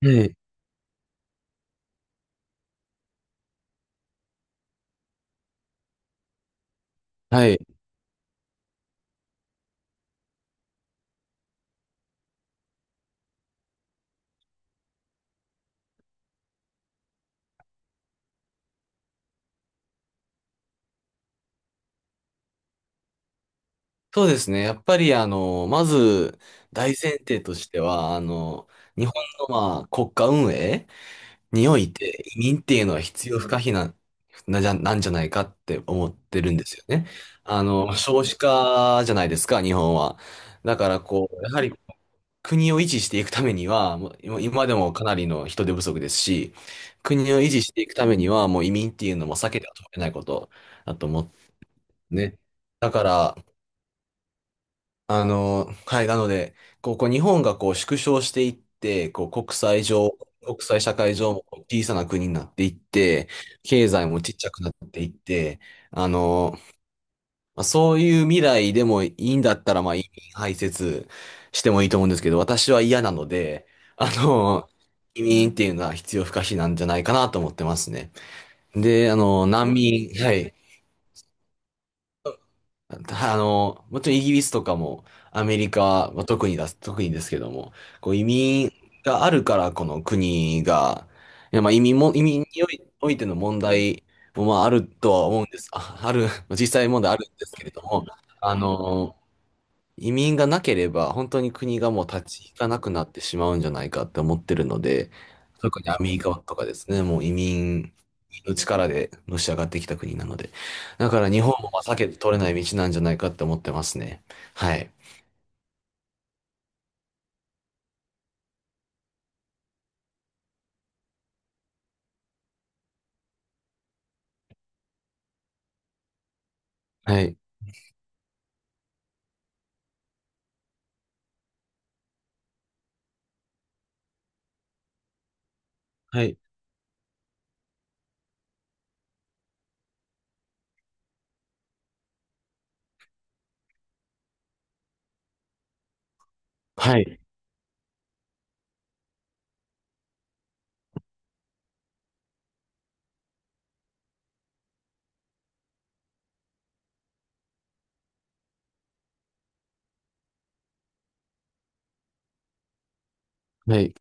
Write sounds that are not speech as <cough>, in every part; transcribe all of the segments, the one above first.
はい。はい。そうですね。やっぱり、まず、大前提としては、日本の、国家運営において、移民っていうのは必要不可避な、なじゃ、なんじゃないかって思ってるんですよね。少子化じゃないですか、日本は。だから、やはり、国を維持していくためには、もう今でもかなりの人手不足ですし、国を維持していくためには、もう移民っていうのも避けては通れないことだと思ってね。だから、はい、なので、日本が縮小していって、国際上、国際社会上も小さな国になっていって、経済もちっちゃくなっていって、あの、そういう未来でもいいんだったら、まあ、移民排斥してもいいと思うんですけど、私は嫌なので、あの、移民っていうのは必要不可避なんじゃないかなと思ってますね。で、難民、はい。<laughs> たあの、もちろんイギリスとかもアメリカはまあ特にですけども、移民があるからこの国が、いやまあ移民も、移民においての問題もまああるとは思うんです。あ、ある、<laughs> 実際問題あるんですけれども、あの、移民がなければ、本当に国がもう立ち行かなくなってしまうんじゃないかって思ってるので、特にアメリカとかですね、もう移民の力でのし上がってきた国なので。だから日本もまあ避けて取れない道なんじゃないかって思ってますね。はい。はい。はい。はい。はい。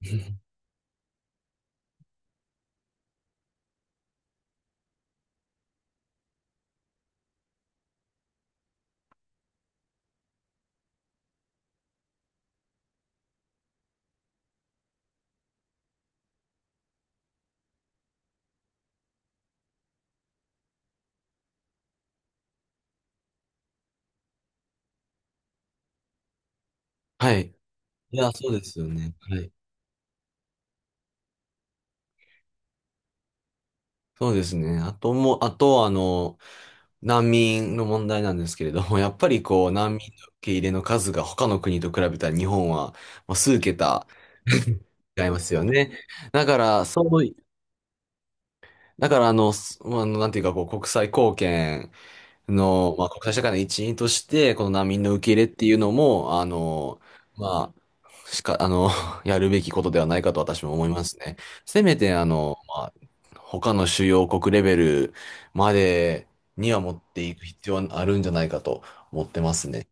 <laughs> はい。いや、そうですよね。はい。そうですね。あともう、あと、あの、難民の問題なんですけれども、<laughs> やっぱり難民の受け入れの数が他の国と比べたら日本は、まあ、数桁 <laughs> 違いますよね。だから、そうい、だから、あの、すあの、なんていうか、国際貢献の、まあ、国際社会の一員として、この難民の受け入れっていうのも、あの、まあ、しか、あの、<laughs> やるべきことではないかと私も思いますね。せめて、他の主要国レベルまでには持っていく必要はあるんじゃないかと思ってますね。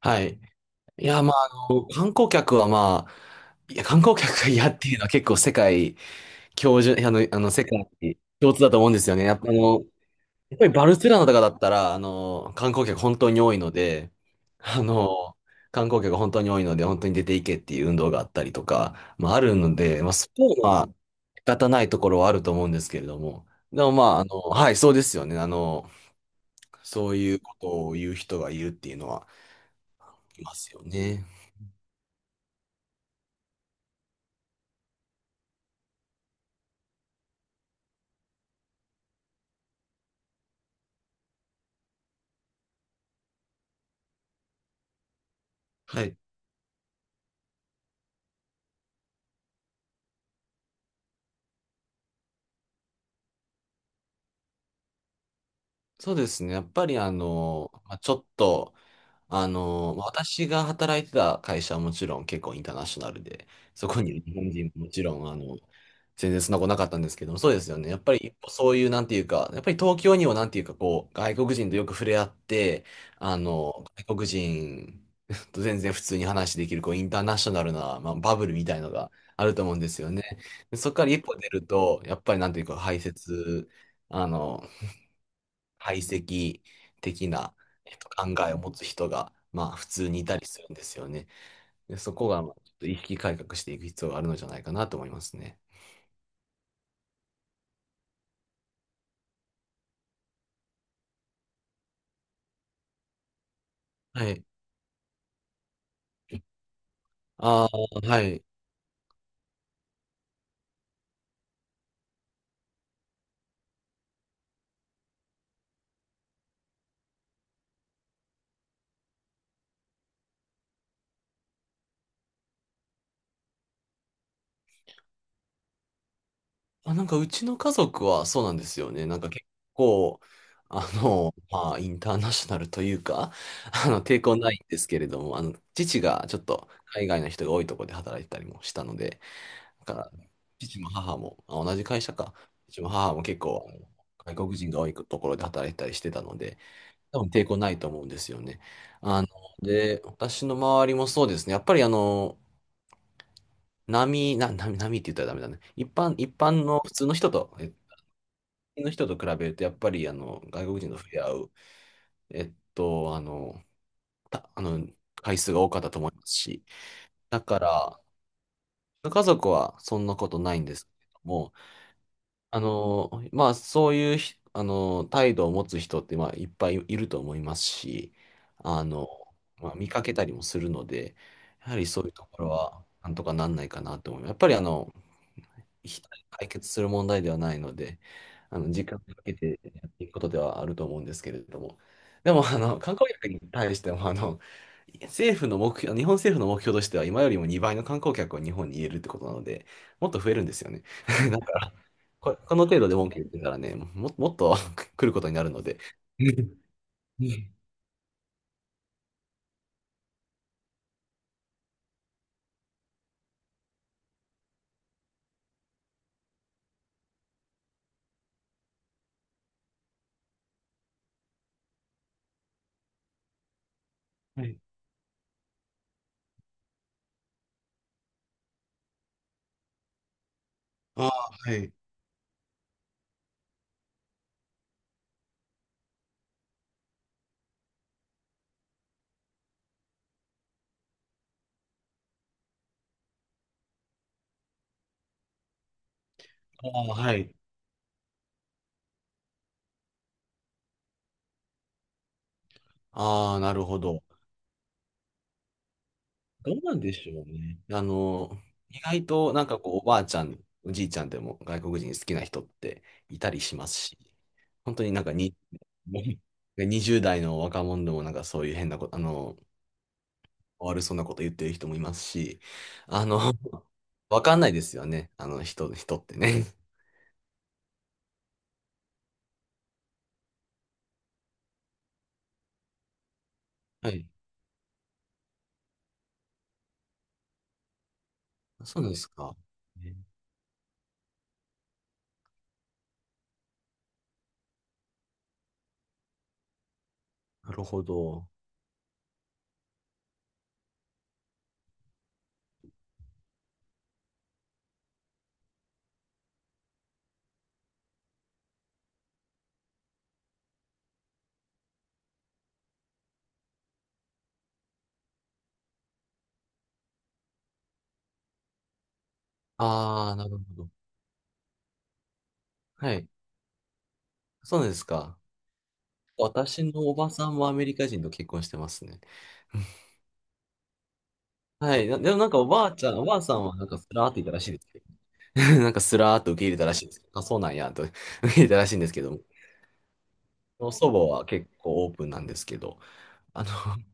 はい。いや、観光客が嫌っていうのは結構世界教授、あの、あの、世界共通だと思うんですよね。やっぱやっぱりバルセロナとかだったら、観光客本当に多いので、あの、観光客本当に多いので、本当に出ていけっていう運動があったりとか、まあ、あるので、まあ、そこはまあ仕方ないところはあると思うんですけれども、でもまあ、はい、そうですよね。そういうことを言う人がいるっていうのはいますよね。はい。そうですね。やっぱりちょっと、私が働いてた会社はもちろん結構インターナショナルで、そこにいる日本人ももちろん、全然そんなことなかったんですけども、そうですよね。やっぱりそういう、なんていうか、やっぱり東京にもなんていうか、外国人とよく触れ合って、外国人と全然普通に話できる、インターナショナルな、まあ、バブルみたいのがあると思うんですよね。でそこから一歩出ると、やっぱりなんていうか、排泄、あの、排斥的な、考えを持つ人が、まあ、普通にいたりするんですよね。で、そこが、まあちょっと意識改革していく必要があるのじゃないかなと思いますね。はい。ああ、はい。あ、なんかうちの家族はそうなんですよね。なんか結構、インターナショナルというか、<laughs> 抵抗ないんですけれども、父がちょっと海外の人が多いところで働いてたりもしたので、だから、父も母も、あ、同じ会社か。父も母も結構、外国人が多いところで働いたりしてたので、多分抵抗ないと思うんですよね。あの、で、私の周りもそうですね。やっぱり波、な、波、波って言ったらダメだね。一般、一般の普通の人と、え、普通の人と比べると、やっぱり外国人と触れ合う、えっと、あの、た、あの、回数が多かったと思いますし、だから、家族はそんなことないんですけども、あの、まあ、そういうひ、あの、態度を持つ人って、まあ、いっぱいいると思いますし、あの、見かけたりもするので、やはりそういうところは、なんとかなんないかなと思います。やっぱり、一人で解決する問題ではないので、時間をかけてやっていくことではあると思うんですけれども。でも、観光客に対しても、政府の目標、日本政府の目標としては、今よりも2倍の観光客を日本に入れるってことなので、もっと増えるんですよね。<laughs> ここの程度で文句言ってたらね、もっと <laughs> 来ることになるので。うん。うん。はい。ああ、はい。ああ、はい。ああ、なるほど。どうなんでしょうね。意外となんかおばあちゃん、おじいちゃんでも外国人好きな人っていたりしますし、本当に<laughs> 20代の若者でもなんかそういう変なこと、悪そうなこと言ってる人もいますし、あの、わかんないですよね。人ってね。はい。そうですか。ね。なるほど。ああ、なるほど。はい。そうですか。私のおばさんもアメリカ人と結婚してますね。<laughs> はい。でもなんかおばあちゃん、おばあさんはなんかスラーって言ったらしいですけどね。<laughs> なんかスラーっと受け入れたらしいですけど。あ、そうなんや、と <laughs> 受け入れたらしいんですけど。祖母は結構オープンなんですけど。あの、<laughs>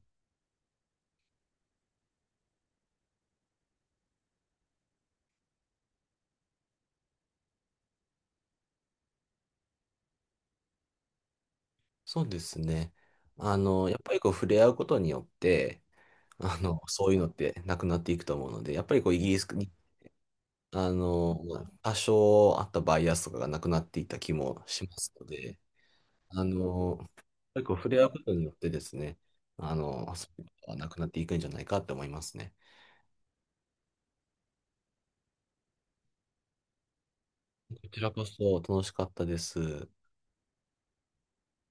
そうですね。やっぱり触れ合うことによって、そういうのってなくなっていくと思うので、やっぱりイギリス、日あの、まあ多少あったバイアスとかがなくなっていった気もしますので、あの、結構触れ合うことによってですね、そういうことはなくなっていくんじゃないかって思いますね。こちらこそ楽しかったです。